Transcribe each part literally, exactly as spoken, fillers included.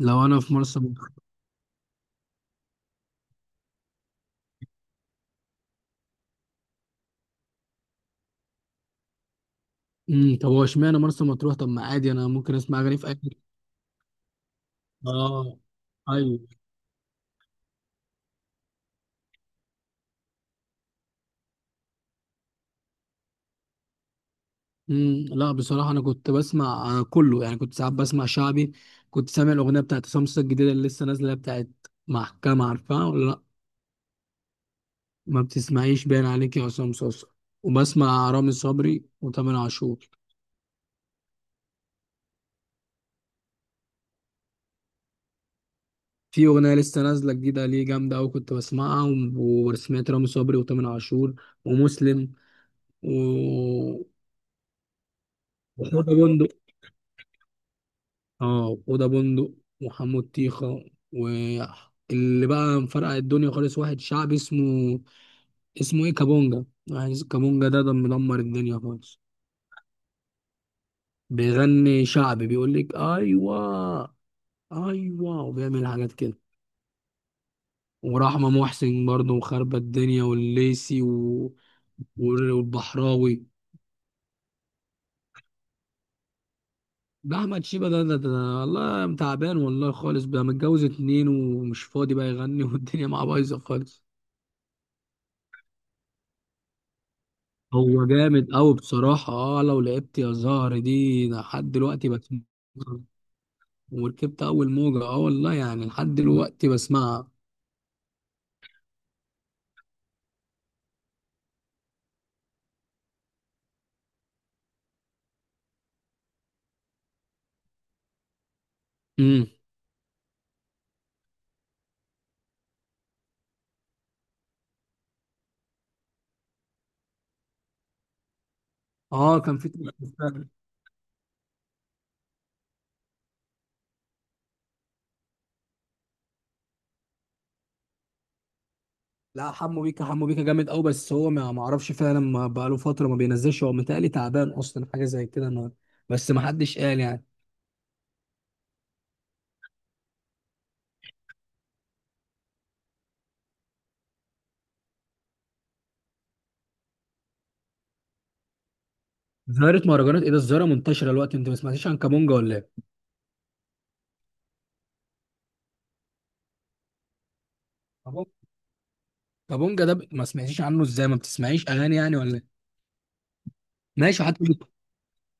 لو انا في مرسى مطروح. امم طب هو اشمعنى مرسى مطروح؟ طب ما عادي، انا ممكن اسمع اغاني في اي حتة. اه. ايوه. امم لا بصراحه انا كنت بسمع كله، يعني كنت ساعات بسمع شعبي. كنت سامع الاغنيه بتاعت سمسة الجديده اللي لسه نازله بتاعت محكمه، عارفها ولا لا؟ ما بتسمعيش باين عليك يا عصام صوصه. وبسمع رامي صبري وتامر عاشور. في اغنيه لسه نازله جديده ليه جامده قوي كنت بسمعها و- وسمعت رامي صبري وتامر عاشور ومسلم و وحوده. اه اوضه بندق وحمو الطيخه. واللي بقى مفرقع الدنيا خالص واحد شعبي اسمه، اسمه ايه، كابونجا. واحد اسمه كابونجا، ده ده مدمر الدنيا خالص. بيغني شعبي، بيقول لك ايوه، ايوه، وبيعمل حاجات كده. ورحمه محسن برضه وخربة الدنيا والليسي و... وال- والبحراوي. ده احمد شيبه ده ده, ده. والله تعبان والله خالص، بقى متجوز اتنين ومش فاضي بقى يغني والدنيا معاه بايظه خالص. هو جامد قوي بصراحة، اه لو لعبت يا زهر دي لحد دلوقتي بسمعها. وركبت أول موجة، اه والله يعني لحد دلوقتي بسمعها. امم اه كان في. لا حمو بيكا، حمو بيكا جامد قوي، بس هو ما ما اعرفش فعلا، ما بقاله فترة ما بينزلش، هو متهيألي تعبان أصلا، حاجة زي كده ما، بس ما حدش قال يعني. ظاهرة مهرجانات ايه ده؟ الظاهرة منتشرة دلوقتي، انت ما سمعتيش عن كابونجا ولا ايه؟ كابونجا. كابونجا ده ب- ما سمعتيش عنه ازاي؟ ما بتسمعيش أغاني يعني ولا ايه؟ ماشي. حتى،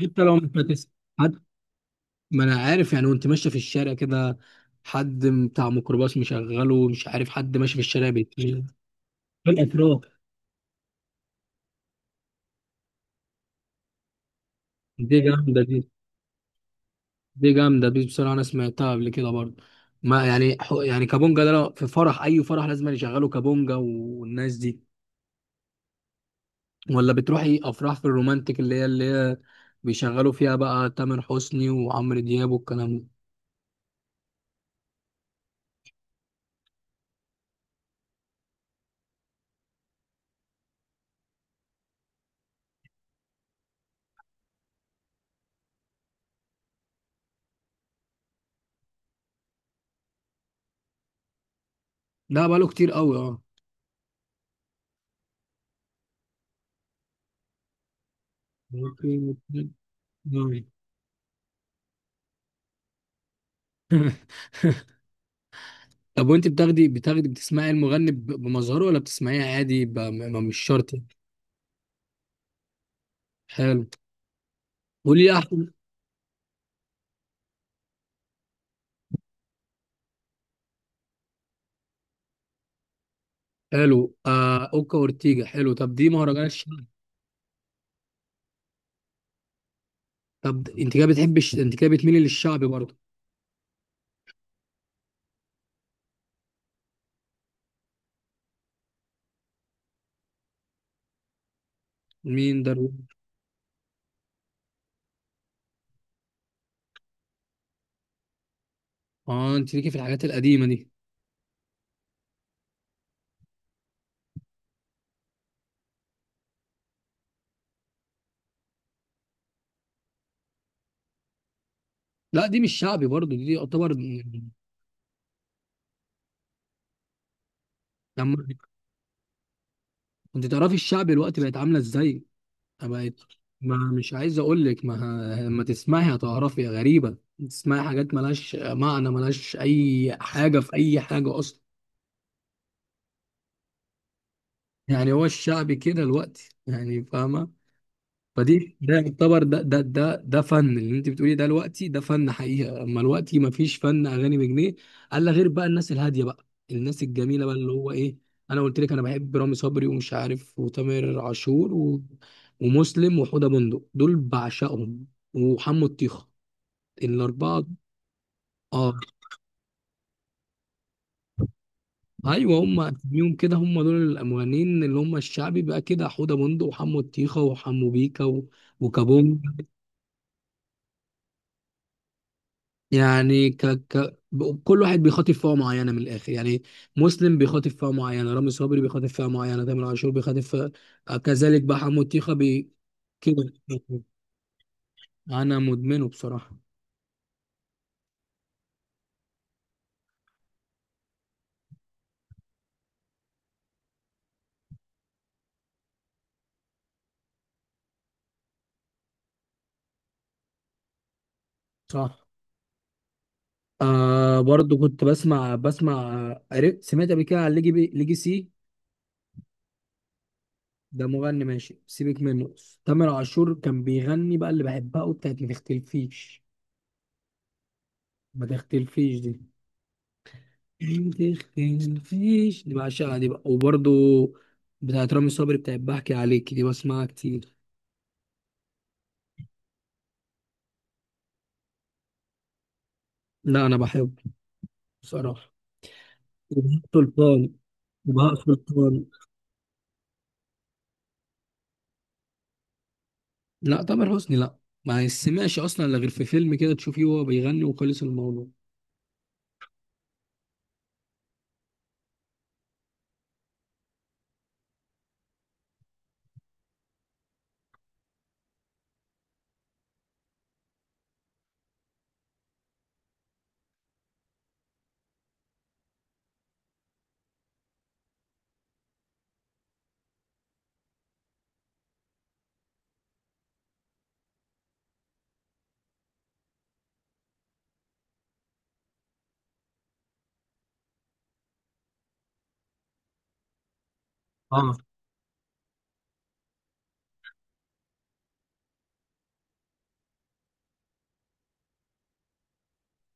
حتى لو مش بتسمع، ما انا عارف يعني، وانت ماشيه في الشارع كده، حد بتاع ميكروباص مشغله، مش عارف حد ماشي في الشارع بيتمشي. في الاتراك دي جامده دي، دي جامده دي بصراحه، انا سمعتها قبل كده برضه. ما يعني حو- يعني كابونجا ده لو في فرح، اي فرح لازم يشغلوا كابونجا والناس دي. ولا بتروحي افراح في الرومانتيك، اللي هي اللي هي بيشغلوا فيها بقى تامر حسني وعمرو دياب والكلام ده. ده بقاله كتير قوي اه. طب وانت بتاخدي بتاخدي بتسمعي المغني ب- بمظهره، ولا بتسمعيه عادي؟ ب- م- م- مش شرط. حلو. قولي لي احسن. حلو، آه اوكا اورتيجا، حلو، طب دي مهرجان الشعب. طب د- انت كده بتحبي الش- انت كده بتميلي للشعبي برضه. مين ده؟ اه انت ليكي في الحاجات القديمه دي. لا دي مش شعبي برضه، دي يعتبر. لما انت تعرفي الشعبي الوقت بقت عامله ازاي. بقت. ما مش عايز اقول لك، ما لما تسمعي هتعرفي، غريبه، تسمعي حاجات ملهاش معنى، ملهاش اي حاجه في اي حاجه اصلا. يعني هو الشعبي كده الوقتي، يعني فاهمه. فدي ده يعتبر، ده ده ده ده فن اللي انت بتقولي ده، الوقتي ده فن حقيقه، اما الوقتي ما فيش فن اغاني بجنيه. الا غير بقى الناس الهاديه بقى، الناس الجميله بقى اللي هو ايه. انا قلت لك انا بحب رامي صبري ومش عارف وتامر عاشور و... ومسلم وحوده بندق دول بعشقهم، وحمو الطيخه، الاربعه. اه. ايوه هم اسميهم كده، هم دول المغنيين اللي هم الشعبي بقى كده، حوده بندق وحمو الطيخه وحمو بيكا و... وكابونج. يعني ك... ك... ب- كل واحد بيخاطب فئه معينه من الاخر يعني. مسلم بيخاطب فئه معينه، رامي صبري بيخاطب فئه معينه، تامر عاشور بيخاطب فئه، آه، كذلك بقى حمو طيخه بي... كده. انا مدمنه بصراحه. صح. آه برضو كنت بسمع بسمع. عرفت- سمعت قبل كده عن ليجي بي... ليجي سي. ده مغني ماشي سيبك منه. تامر عاشور كان بيغني بقى اللي بحبها وبتاعت ما تختلفيش. ما تختلفيش دي، تخين فيش دي بعشقها دي بقى. وبرضو بتاعت رامي صبري، بتاعت بحكي عليك، دي بسمعها كتير. لا انا بحبه بصراحه. وبهاء سلطان وبهاء سلطان. لا تامر حسني لا، ما يسمعش اصلا، لا غير في فيلم كده تشوفيه وهو بيغني وخلص الموضوع. اه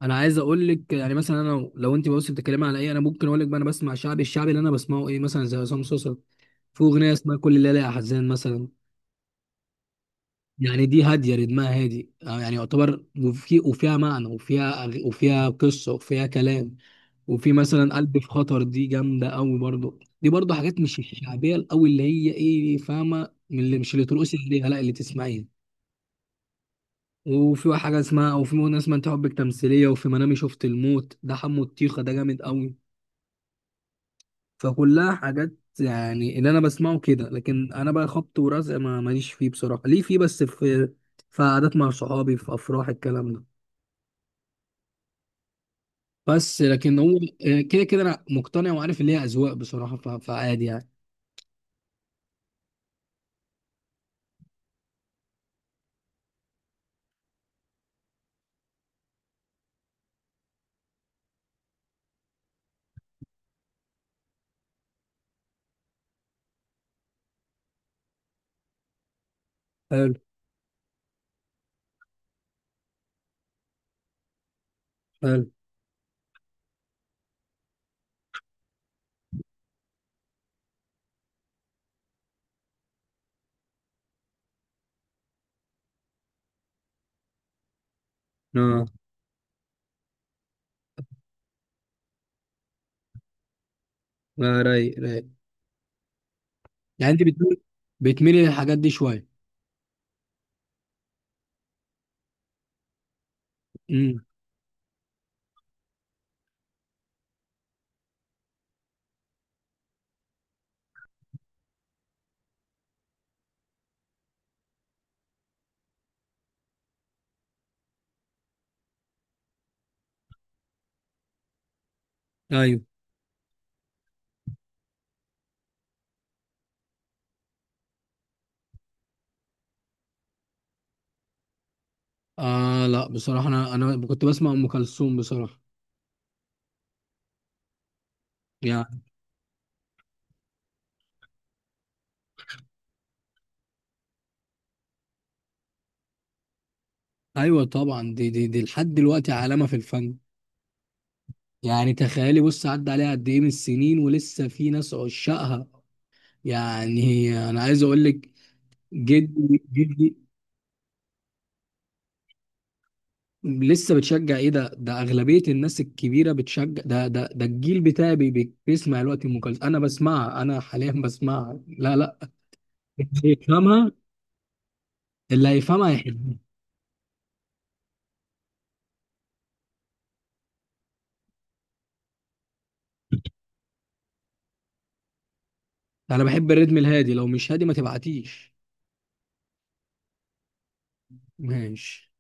انا عايز اقول لك يعني مثلا انا، لو انت بص بتتكلمي على ايه، انا ممكن اقول لك بقى انا بسمع شعبي. الشعبي اللي انا بسمعه ايه؟ مثلا زي عصام صوصه، في اغنيه اسمها كل ليله يا حزان مثلا. يعني دي هادية، رتمها هادي آه، يعني يعتبر، وفي وفيها معنى، وفيها أغ- وفيها قصة وفيها كلام. وفي مثلا قلب في خطر، دي جامدة أوي برضو. دي برضو حاجات مش الشعبية الأوي اللي هي إيه، فاهمة، من اللي مش اللي ترقصي عليها، لا اللي تسمعيها. وفي حاجة اسمها، أو في أغنية اسمها أنت حبك تمثيلية، وفي منامي شفت الموت، ده حمو الطيخة ده جامد أوي. فكلها حاجات، يعني اللي أنا بسمعه كده. لكن أنا بقى خبط ورزق ما ماليش فيه بصراحة، ليه فيه، بس في في قعدات مع صحابي في أفراح الكلام ده. بس لكن هو آه، كده كده انا مقتنع وعارف ان هي اذواق بصراحه، ف- فعادي يعني. حلو حلو اه. لا رايق رايق. يعني انت بتميل، بتميلي للحاجات دي شويه. امم ايوه. آه لا بصراحة أنا أنا كنت بسمع أم كلثوم بصراحة يعني. أيوة طبعا، دي دي دي لحد دلوقتي علامة في الفن. يعني تخيلي بص، عدى عليها قد إيه من السنين ولسه في ناس عشاقها. يعني أنا عايز أقول لك، جدي جدي، لسه بتشجع ايه؟ ده ده اغلبيه الناس الكبيره بتشجع ده، ده ده الجيل بتاعي بي- بي- بيسمع الوقت ام كلثوم، انا بسمعها، انا حاليا بسمعها. لا لا يفهمها، اللي هيفهمها يحبها. انا بحب الريتم الهادي، لو مش هادي ما تبعتيش. ماشي.